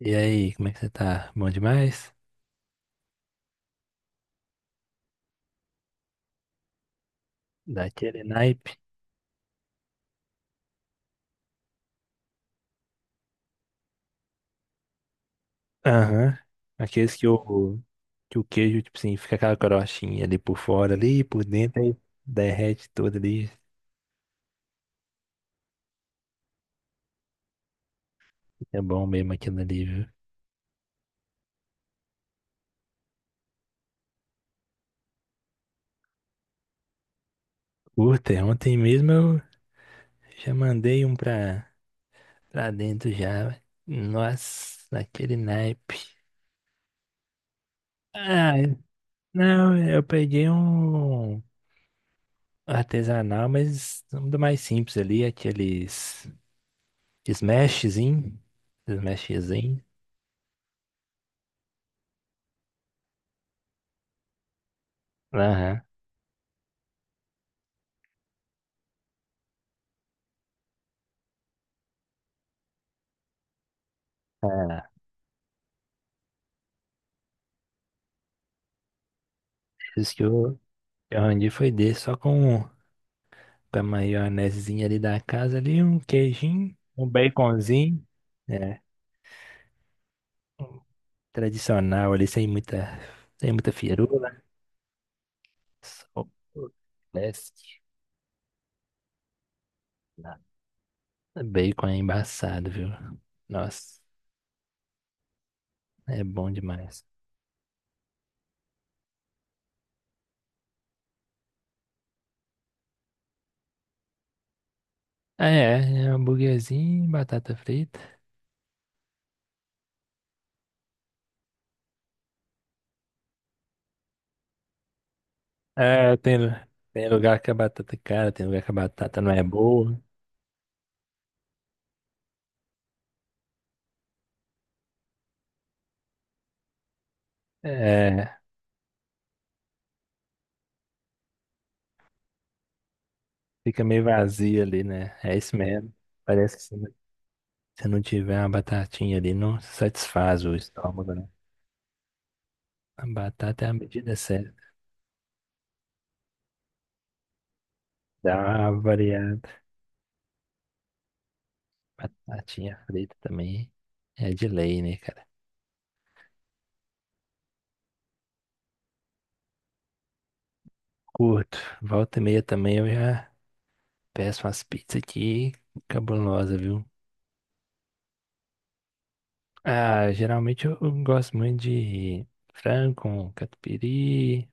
E aí, como é que você tá? Bom demais? Daquele naipe? Aham. Aqueles que o, queijo, tipo assim, fica aquela crostinha ali por fora ali, por dentro, aí derrete tudo ali. É bom mesmo aquilo ali, viu? Puta, ontem mesmo eu já mandei um pra dentro já. Velho. Nossa, daquele naipe. Ah, não, eu peguei um artesanal, mas um do mais simples ali, aqueles smashzinho. Smashzinho. Aham. É. Isso que eu, arranjei foi desse, só com a maionezinha ali da casa ali, um queijinho, um baconzinho. É. Um tradicional ali, sem muita firula. Só o leste. Nada. Bacon é embaçado, viu? Nossa, é bom demais. Ah, é, é hambúrguerzinho, batata frita. É, tem lugar que a batata é cara, tem lugar que a batata não é boa. É. Fica meio vazio ali, né? É isso mesmo. Parece que se não tiver uma batatinha ali, não satisfaz o estômago, né? A batata é a medida certa. Dá uma variada. Batatinha frita também é de lei, né, cara? Curto. Volta e meia também eu já peço umas pizzas aqui cabulosa, viu? Ah, geralmente eu gosto muito de frango com catupiry,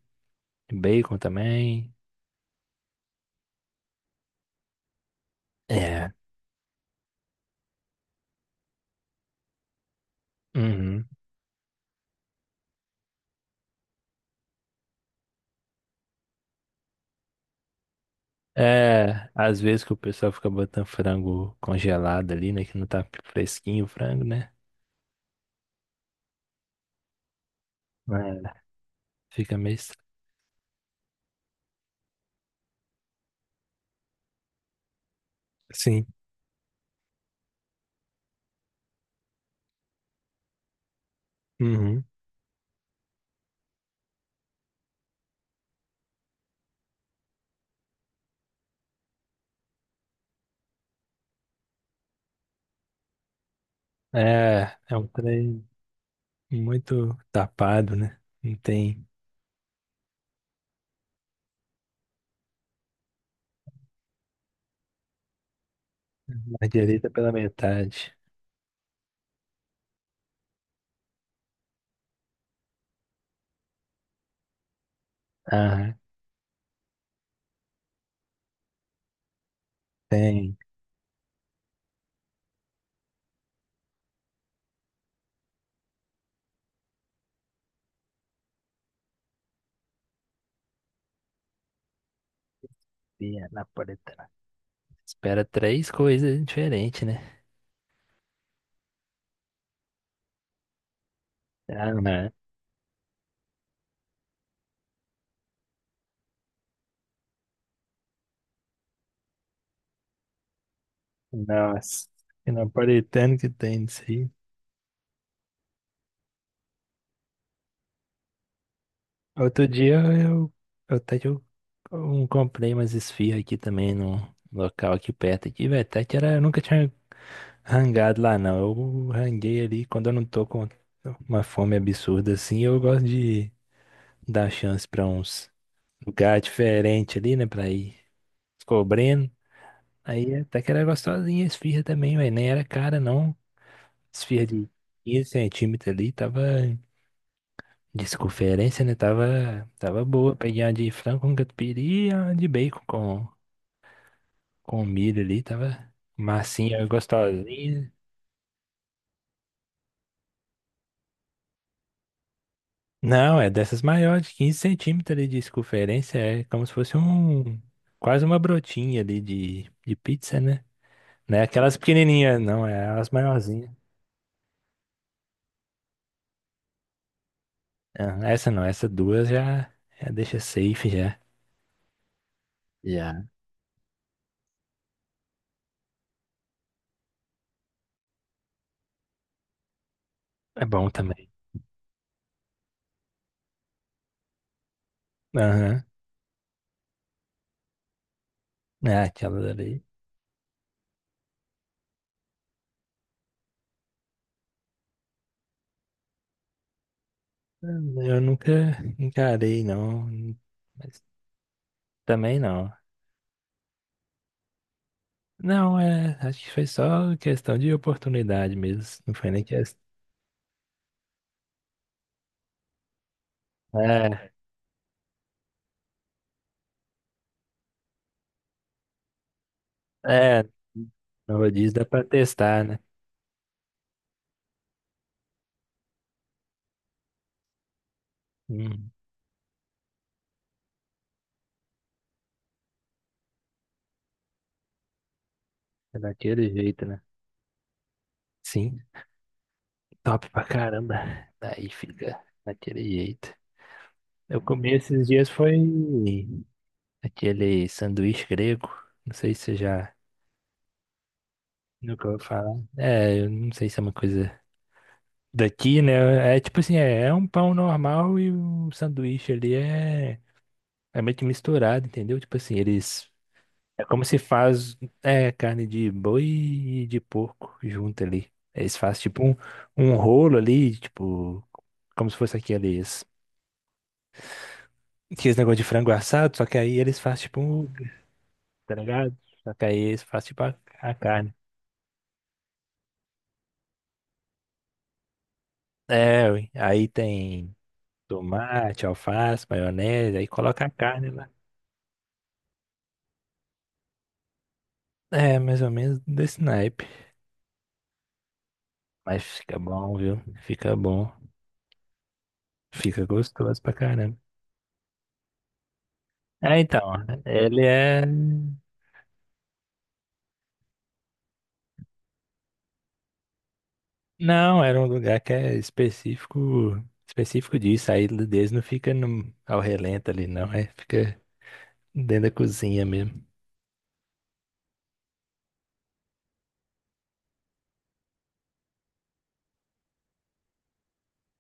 bacon também. É. Uhum. É, às vezes que o pessoal fica botando frango congelado ali, né? Que não tá fresquinho o frango, né? É. Fica meio estranho. Sim. Uhum. É um trem muito tapado, né? Não tem a direita pela metade. Ah, tem. E a napolitana. Espera três coisas diferentes, né? Ah, né? Nossa. Que napolitano que tem disso. Outro dia eu até que eu, um- comprei umas esfirras aqui também num local aqui perto aqui, velho. Até que era, eu nunca tinha rangado lá não. Eu ranguei ali quando eu não tô com uma fome absurda assim, eu gosto de dar chance pra uns lugares diferentes ali, né? Pra ir descobrindo. Aí até que era gostosinha a esfirra também, velho. Nem era cara não. Esfirra de 15 centímetros ali, tava. Desconferência, né? Tava boa. Peguei uma de frango com catupiry e uma de bacon com milho ali. Tava massinha, gostosinha. Não, é dessas maiores, de 15 centímetros ali de circunferência. É como se fosse um. Quase uma brotinha ali de pizza, né? Não é aquelas pequenininhas, não. É as maiorzinhas. Ah, essa não. Essa duas já, já deixa safe, já. Já. É bom também. Aham. É, aquela ali. Ah, eu nunca encarei, não. Mas também não. Não, é. Acho que foi só questão de oportunidade mesmo. Não foi nem questão. É, é. No rodízio dá pra testar, né? Hum, é daquele jeito, né? Sim, top pra caramba. Daí fica daquele jeito. Eu comi esses dias foi aquele sanduíche grego. Não sei se você já nunca ouviu falar. É, eu não sei se é uma coisa daqui, né? É tipo assim, é um pão normal e um sanduíche ali é meio que misturado, entendeu? Tipo assim, eles. É como se faz, é, carne de boi e de porco junto ali. Eles fazem tipo um rolo ali, tipo, como se fosse aqueles negócio de frango assado, só que aí eles fazem tipo um, tá ligado? Só que aí eles fazem tipo a carne. É, ui, aí tem tomate, alface, maionese, aí coloca a carne lá. É, mais ou menos desse naipe. Mas fica bom, viu? Fica bom. Fica gostoso pra caramba. É, então, ele é. Não, era um lugar que é específico, específico disso. Aí deles não fica ao relento ali, não. É, fica dentro da cozinha mesmo.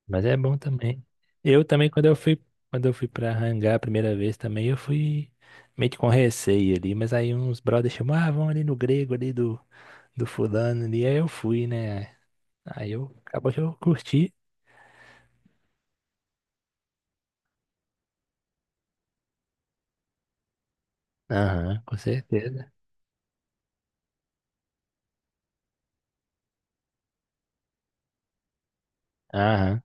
Mas é bom também. Eu também, quando eu fui, pra Hangar a primeira vez também, eu fui meio que com receio ali, mas aí uns brothers chamavam, ah, vamos ali no grego ali do fulano ali. Aí eu fui, né? Aí eu acabou que eu curti. Aham, com certeza. Aham,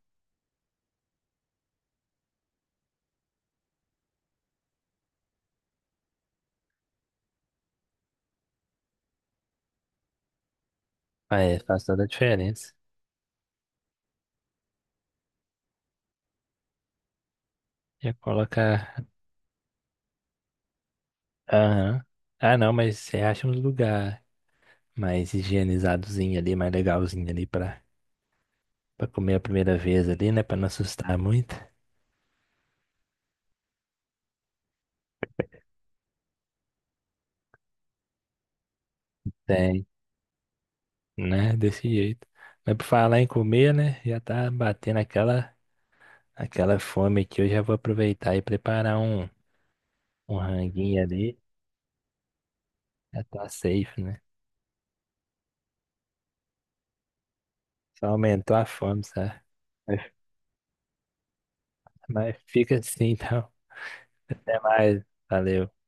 ah, é, faz toda a diferença. Já colocar. Aham. Ah, não, mas você acha um lugar mais higienizadozinho ali, mais legalzinho ali pra comer a primeira vez ali, né? Pra não assustar muito. Tem, né? Desse jeito. Mas por falar em comer, né? Já tá batendo aquela fome aqui. Eu já vou aproveitar e preparar um ranguinho ali. Já tá safe, né? Só aumentou a fome, sabe? Mas mas fica assim, então. Até mais. Valeu.